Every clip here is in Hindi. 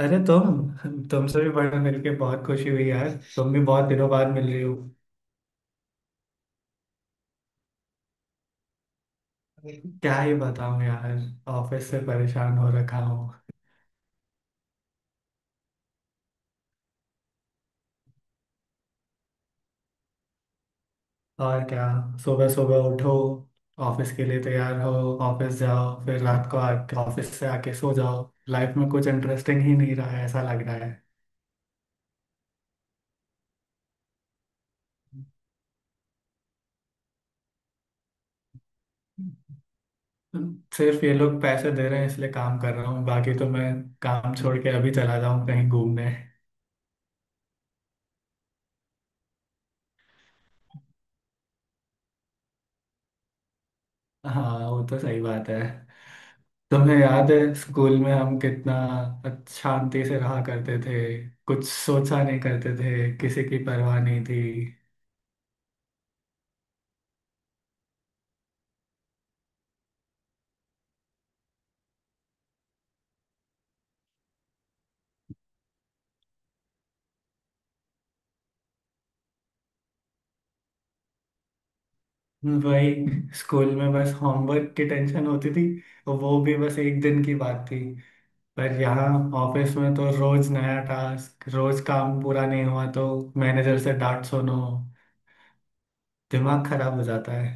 अरे तुमसे भी बड़ा मिलके बहुत खुशी हुई यार। तुम भी बहुत दिनों बाद मिल रही हो। क्या ही बताऊं यार, ऑफिस से परेशान हो रखा हूँ। और क्या, सुबह सुबह उठो, ऑफिस के लिए तैयार हो, ऑफिस जाओ, फिर रात को आके ऑफिस से आके सो जाओ। लाइफ में कुछ इंटरेस्टिंग ही नहीं रहा है ऐसा लग रहा है। सिर्फ ये लोग पैसे दे रहे हैं इसलिए काम कर रहा हूँ, बाकी तो मैं काम छोड़ के अभी चला जाऊँ कहीं घूमने। हाँ, वो तो सही बात है। तुम्हें याद है स्कूल में हम कितना शांति से रहा करते थे। कुछ सोचा नहीं करते थे, किसी की परवाह नहीं थी। वही, स्कूल में बस होमवर्क की टेंशन होती थी, और वो भी बस एक दिन की बात थी। पर यहाँ ऑफिस में तो रोज नया टास्क, रोज काम पूरा नहीं हुआ तो मैनेजर से डांट सुनो, दिमाग खराब हो जाता है।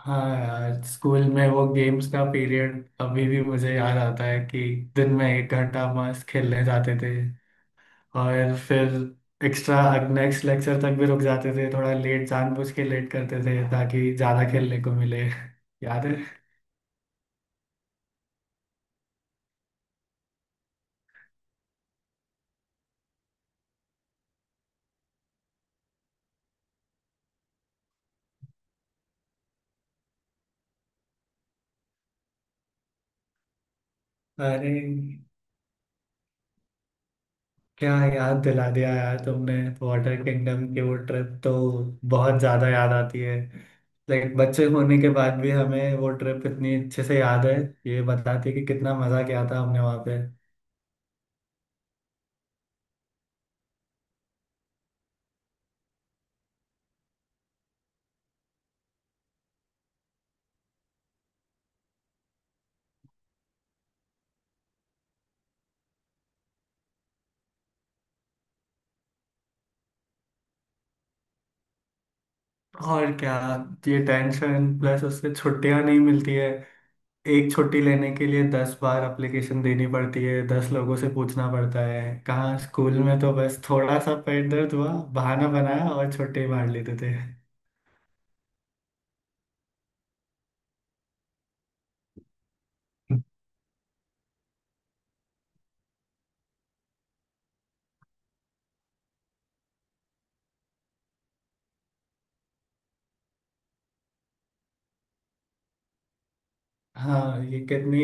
हाँ यार, स्कूल में वो गेम्स का पीरियड अभी भी मुझे याद आता है कि दिन में एक घंटा मस्त खेलने जाते थे, और फिर एक्स्ट्रा नेक्स्ट लेक्चर तक भी रुक जाते थे, थोड़ा लेट जानबूझ के लेट करते थे ताकि ज़्यादा खेलने को मिले। याद है? अरे, क्या याद दिला दिया यार तुमने। वाटर किंगडम की वो ट्रिप तो बहुत ज़्यादा याद आती है। लाइक बच्चे होने के बाद भी हमें वो ट्रिप इतनी अच्छे से याद है, ये बताती है कि कितना मज़ा किया था हमने वहाँ पे। और क्या, ये टेंशन प्लस उससे छुट्टियां नहीं मिलती है। एक छुट्टी लेने के लिए दस बार एप्लीकेशन देनी पड़ती है, दस लोगों से पूछना पड़ता है। कहाँ स्कूल में तो बस थोड़ा सा पेट दर्द हुआ, बहाना बनाया और छुट्टी मार लेते थे। हाँ, ये कितनी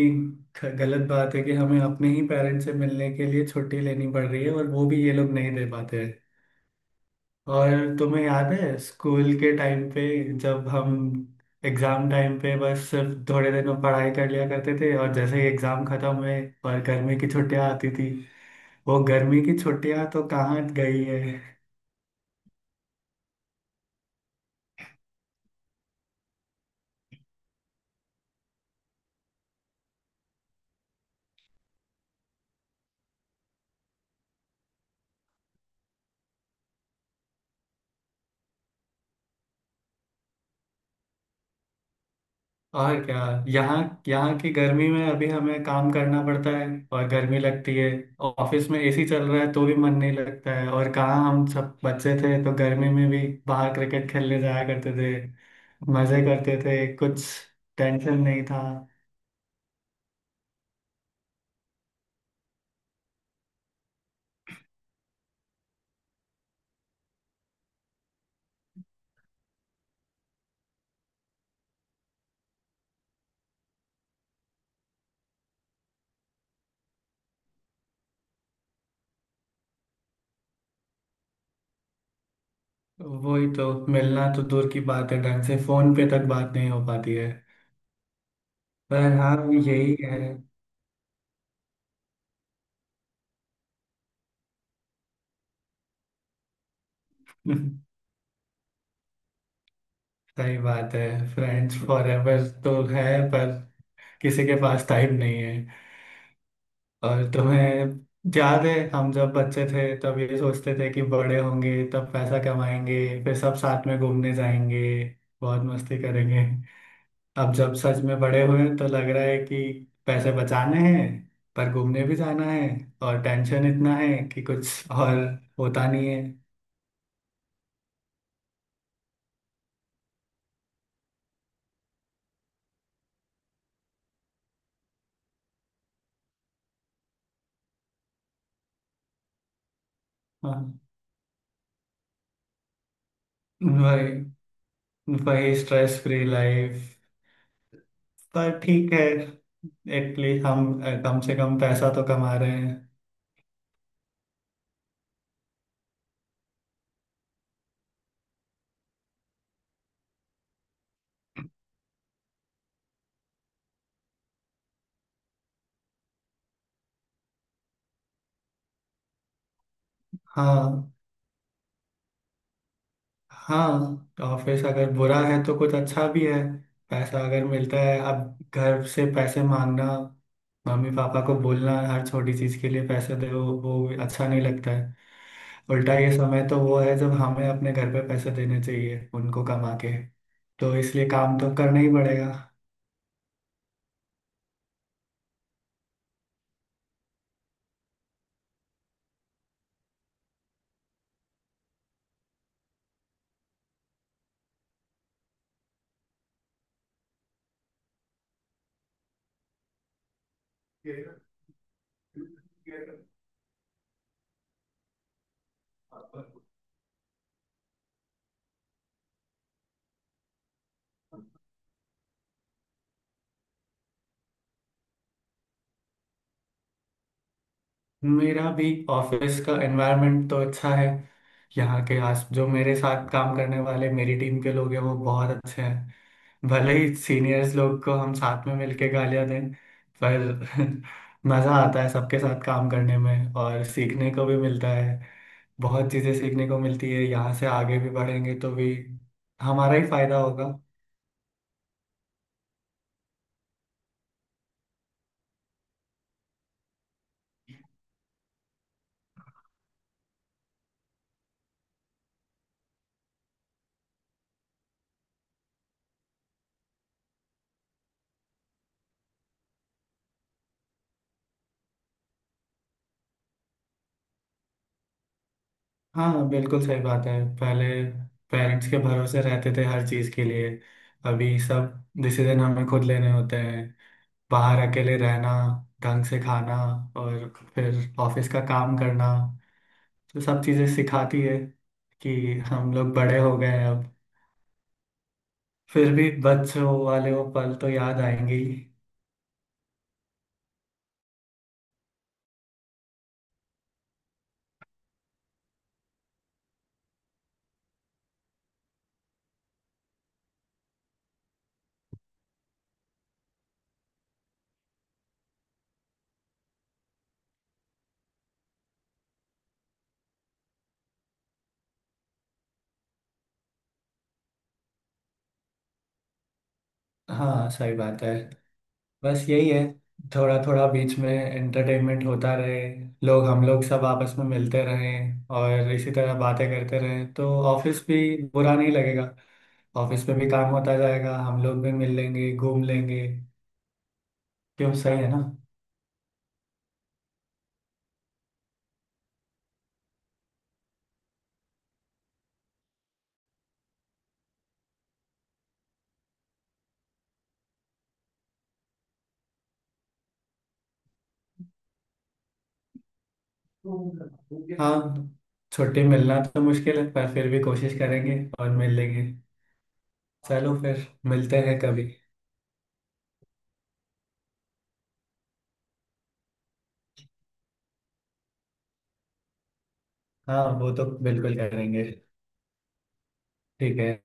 गलत बात है कि हमें अपने ही पेरेंट्स से मिलने के लिए छुट्टी लेनी पड़ रही है, और वो भी ये लोग नहीं दे पाते। और तुम्हें याद है स्कूल के टाइम पे, जब हम एग्जाम टाइम पे बस सिर्फ थोड़े दिनों पढ़ाई कर लिया करते थे, और जैसे ही एग्जाम खत्म हुए और गर्मी की छुट्टियां आती थी। वो गर्मी की छुट्टियां तो कहाँ गई है। और क्या, यहाँ यहाँ की गर्मी में अभी हमें काम करना पड़ता है और गर्मी लगती है। और ऑफिस में एसी चल रहा है तो भी मन नहीं लगता है। और कहाँ हम सब बच्चे थे तो गर्मी में भी बाहर क्रिकेट खेलने जाया करते थे, मजे करते थे, कुछ टेंशन नहीं था। वही तो, मिलना तो दूर की बात है, ढंग से फोन पे तक बात नहीं हो पाती है। पर हाँ, यही है। सही बात है, फ्रेंड्स फॉर एवर तो है, पर किसी के पास टाइम नहीं है। और तुम्हें याद है हम जब बच्चे थे तब ये सोचते थे कि बड़े होंगे तब पैसा कमाएंगे, फिर सब साथ में घूमने जाएंगे, बहुत मस्ती करेंगे। अब जब सच में बड़े हुए तो लग रहा है कि पैसे बचाने हैं, पर घूमने भी जाना है, और टेंशन इतना है कि कुछ और होता नहीं है। हाँ, वही, वही स्ट्रेस फ्री लाइफ। पर ठीक है, एटलीस्ट हम कम से कम पैसा तो कमा रहे हैं। हाँ, हाँ, ऑफिस अगर बुरा है तो कुछ अच्छा भी है। पैसा अगर मिलता है, अब घर से पैसे मांगना, मम्मी पापा को बोलना हर छोटी चीज के लिए पैसे दे, वो भी अच्छा नहीं लगता है। उल्टा ये समय तो वो है जब हमें अपने घर पे पैसे देने चाहिए उनको कमा के, तो इसलिए काम तो करना ही पड़ेगा। मेरा भी ऑफिस का एनवायरनमेंट तो अच्छा है। यहाँ के आस, जो मेरे साथ काम करने वाले मेरी टीम के लोग हैं, वो बहुत अच्छे हैं। भले ही सीनियर्स लोग को हम साथ में मिलके गालियां दें, पर मज़ा आता है सबके साथ काम करने में, और सीखने को भी मिलता है। बहुत चीज़ें सीखने को मिलती है, यहाँ से आगे भी बढ़ेंगे तो भी हमारा ही फायदा होगा। हाँ, बिल्कुल सही बात है। पहले पेरेंट्स के भरोसे रहते थे हर चीज़ के लिए, अभी सब डिसीजन हमें खुद लेने होते हैं। बाहर अकेले रहना, ढंग से खाना, और फिर ऑफिस का काम करना, तो सब चीज़ें सिखाती है कि हम लोग बड़े हो गए हैं अब। फिर भी बच्चों वाले वो पल तो याद आएंगे ही। हाँ, सही बात है। बस यही है, थोड़ा थोड़ा बीच में एंटरटेनमेंट होता रहे, लोग, हम लोग सब आपस में मिलते रहें और इसी तरह बातें करते रहें, तो ऑफिस भी बुरा नहीं लगेगा। ऑफिस में भी काम होता जाएगा, हम लोग भी मिल लेंगे, घूम लेंगे। क्यों, सही है ना? हाँ, छुट्टी मिलना तो मुश्किल है, पर फिर भी कोशिश करेंगे और मिल लेंगे। चलो फिर मिलते हैं कभी। हाँ, वो तो बिल्कुल करेंगे। ठीक है।